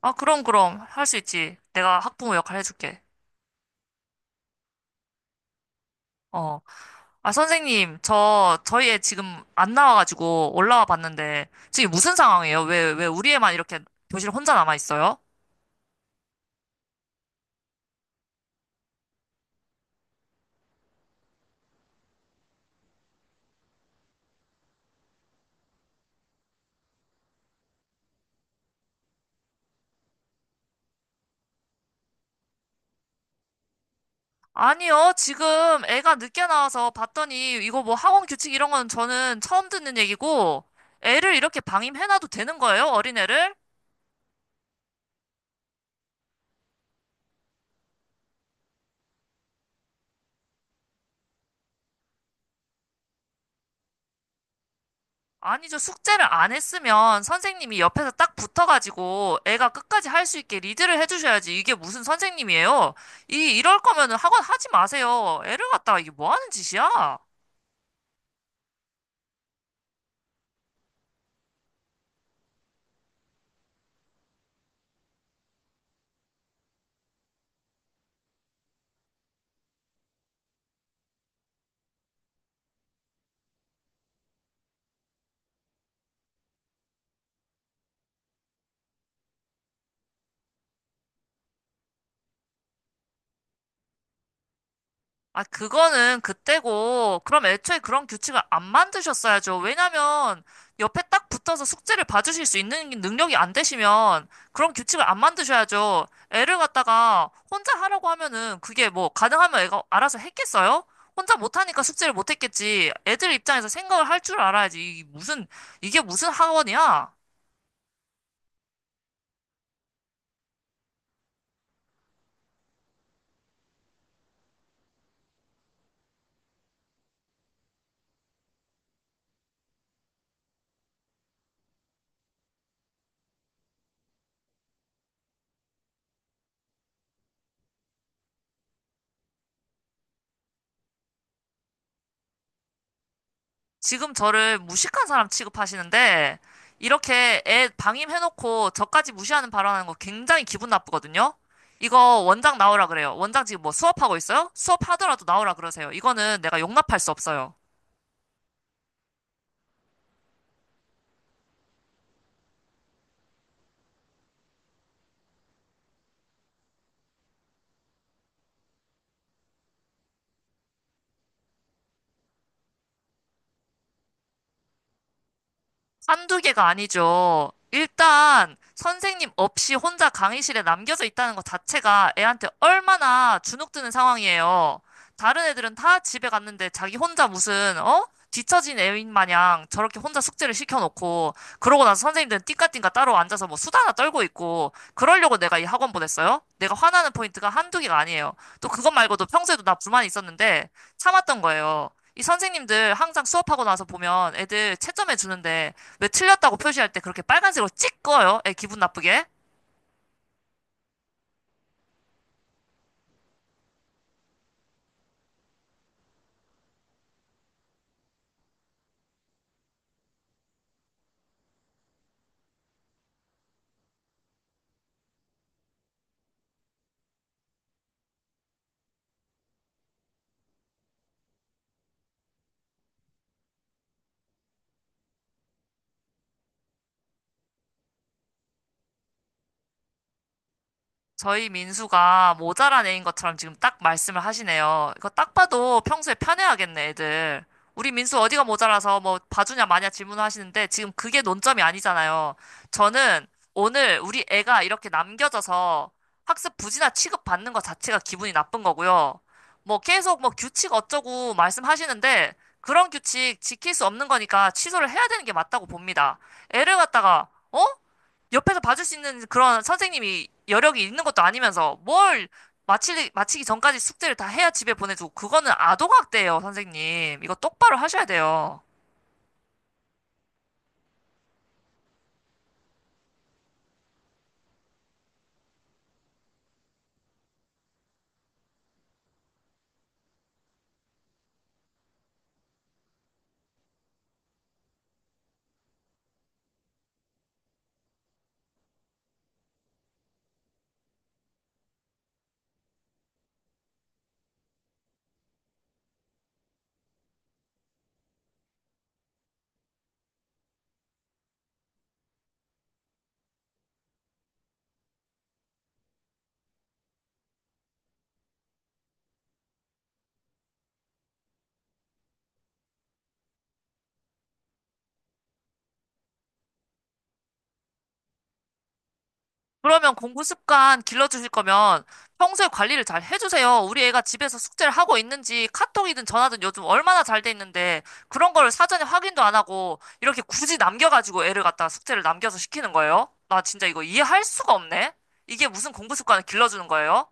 아, 그럼. 할 수 있지. 내가 학부모 역할 해줄게. 어. 아, 선생님, 저희 애 지금 안 나와가지고 올라와 봤는데, 지금 무슨 상황이에요? 왜 우리 애만 이렇게 교실 혼자 남아있어요? 아니요, 지금 애가 늦게 나와서 봤더니, 이거 뭐 학원 규칙 이런 건 저는 처음 듣는 얘기고, 애를 이렇게 방임해놔도 되는 거예요? 어린애를? 아니죠. 숙제를 안 했으면 선생님이 옆에서 딱 붙어가지고 애가 끝까지 할 수 있게 리드를 해주셔야지. 이게 무슨 선생님이에요? 이럴 거면은 학원 하지 마세요. 애를 갖다가 이게 뭐 하는 짓이야? 아, 그거는 그때고, 그럼 애초에 그런 규칙을 안 만드셨어야죠. 왜냐면, 옆에 딱 붙어서 숙제를 봐주실 수 있는 능력이 안 되시면, 그런 규칙을 안 만드셔야죠. 애를 갖다가 혼자 하라고 하면은, 그게 뭐, 가능하면 애가 알아서 했겠어요? 혼자 못하니까 숙제를 못했겠지. 애들 입장에서 생각을 할 줄 알아야지. 이게 무슨 학원이야? 지금 저를 무식한 사람 취급하시는데, 이렇게 애 방임해놓고 저까지 무시하는 발언하는 거 굉장히 기분 나쁘거든요? 이거 원장 나오라 그래요. 원장 지금 뭐 수업하고 있어요? 수업하더라도 나오라 그러세요. 이거는 내가 용납할 수 없어요. 한두 개가 아니죠. 일단 선생님 없이 혼자 강의실에 남겨져 있다는 것 자체가 애한테 얼마나 주눅드는 상황이에요. 다른 애들은 다 집에 갔는데 자기 혼자 무슨 어? 뒤처진 애인 마냥 저렇게 혼자 숙제를 시켜놓고 그러고 나서 선생님들은 띵까띵까 따로 앉아서 뭐 수다나 떨고 있고 그러려고 내가 이 학원 보냈어요? 내가 화나는 포인트가 한두 개가 아니에요. 또 그것 말고도 평소에도 나 불만이 있었는데 참았던 거예요. 이 선생님들 항상 수업하고 나서 보면 애들 채점해 주는데 왜 틀렸다고 표시할 때 그렇게 빨간색으로 찍어요? 애 기분 나쁘게? 저희 민수가 모자란 애인 것처럼 지금 딱 말씀을 하시네요. 이거 딱 봐도 평소에 편애하겠네, 애들. 우리 민수 어디가 모자라서 뭐 봐주냐 마냐 질문하시는데 지금 그게 논점이 아니잖아요. 저는 오늘 우리 애가 이렇게 남겨져서 학습 부진아 취급받는 것 자체가 기분이 나쁜 거고요. 뭐 계속 뭐 규칙 어쩌고 말씀하시는데 그런 규칙 지킬 수 없는 거니까 취소를 해야 되는 게 맞다고 봅니다. 애를 갖다가 어? 옆에서 봐줄 수 있는 그런 선생님이 여력이 있는 것도 아니면서 뭘 마치기 전까지 숙제를 다 해야 집에 보내주고 그거는 아동학대예요, 선생님. 이거 똑바로 하셔야 돼요. 그러면 공부 습관 길러주실 거면 평소에 관리를 잘 해주세요. 우리 애가 집에서 숙제를 하고 있는지 카톡이든 전화든 요즘 얼마나 잘 돼 있는데 그런 거를 사전에 확인도 안 하고 이렇게 굳이 남겨가지고 애를 갖다 가 숙제를 남겨서 시키는 거예요? 나 진짜 이거 이해할 수가 없네. 이게 무슨 공부 습관을 길러주는 거예요?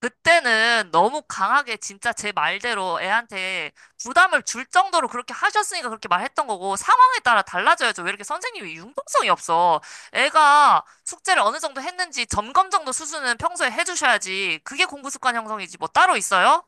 그때는 너무 강하게 진짜 제 말대로 애한테 부담을 줄 정도로 그렇게 하셨으니까 그렇게 말했던 거고 상황에 따라 달라져야죠. 왜 이렇게 선생님이 융통성이 없어? 애가 숙제를 어느 정도 했는지 점검 정도 수준은 평소에 해주셔야지. 그게 공부 습관 형성이지 뭐 따로 있어요?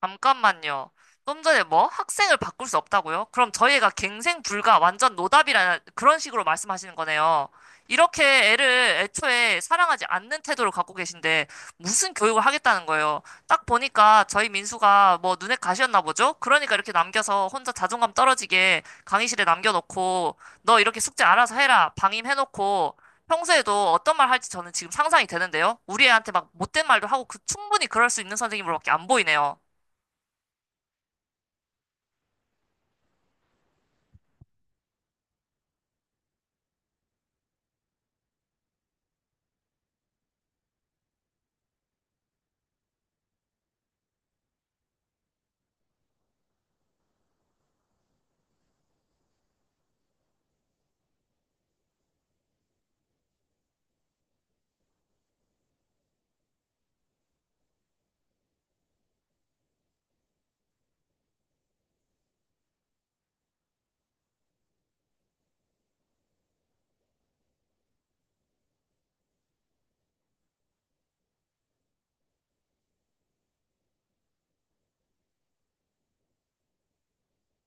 잠깐만요. 좀 전에 뭐? 학생을 바꿀 수 없다고요? 그럼 저희가 갱생 불가, 완전 노답이라는 그런 식으로 말씀하시는 거네요. 이렇게 애를 애초에 사랑하지 않는 태도를 갖고 계신데 무슨 교육을 하겠다는 거예요? 딱 보니까 저희 민수가 뭐 눈에 가시였나 보죠? 그러니까 이렇게 남겨서 혼자 자존감 떨어지게 강의실에 남겨놓고 너 이렇게 숙제 알아서 해라 방임해놓고 평소에도 어떤 말 할지 저는 지금 상상이 되는데요. 우리 애한테 막 못된 말도 하고 그 충분히 그럴 수 있는 선생님으로밖에 안 보이네요.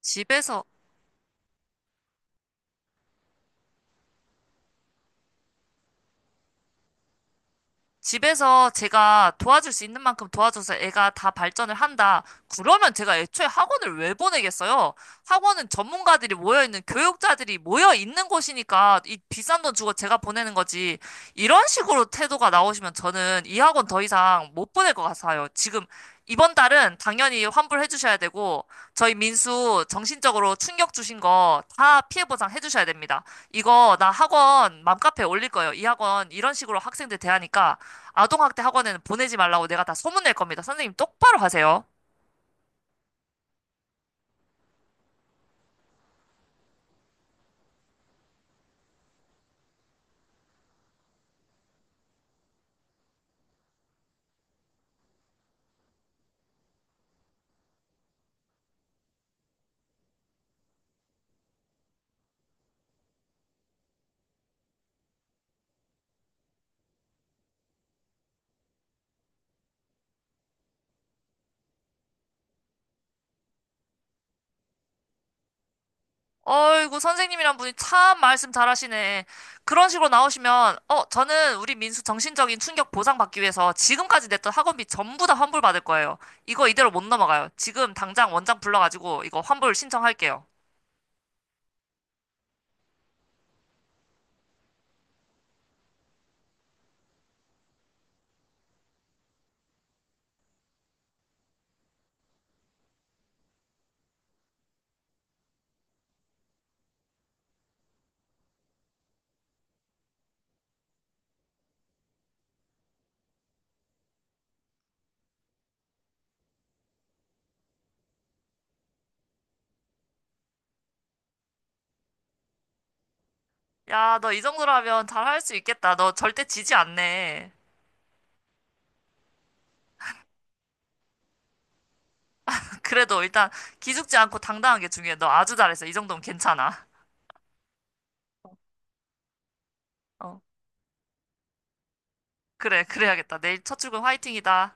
집에서, 집에서 제가 도와줄 수 있는 만큼 도와줘서 애가 다 발전을 한다. 그러면 제가 애초에 학원을 왜 보내겠어요? 학원은 전문가들이 모여있는 교육자들이 모여있는 곳이니까 이 비싼 돈 주고 제가 보내는 거지. 이런 식으로 태도가 나오시면 저는 이 학원 더 이상 못 보낼 것 같아요. 지금 이번 달은 당연히 환불해 주셔야 되고 저희 민수 정신적으로 충격 주신 거 다 피해 보상 해 주셔야 됩니다. 이거 나 학원 맘카페에 올릴 거예요. 이 학원 이런 식으로 학생들 대하니까 아동학대 학원에는 보내지 말라고 내가 다 소문낼 겁니다. 선생님 똑바로 하세요. 어이구, 선생님이란 분이 참 말씀 잘하시네. 그런 식으로 나오시면, 어, 저는 우리 민수 정신적인 충격 보상받기 위해서 지금까지 냈던 학원비 전부 다 환불받을 거예요. 이거 이대로 못 넘어가요. 지금 당장 원장 불러가지고 이거 환불 신청할게요. 야, 너 이 정도라면 잘할 수 있겠다. 너 절대 지지 않네. 그래도 일단 기죽지 않고 당당한 게 중요해. 너 아주 잘했어. 이 정도면 괜찮아. 어, 그래, 그래야겠다. 내일 첫 출근 화이팅이다.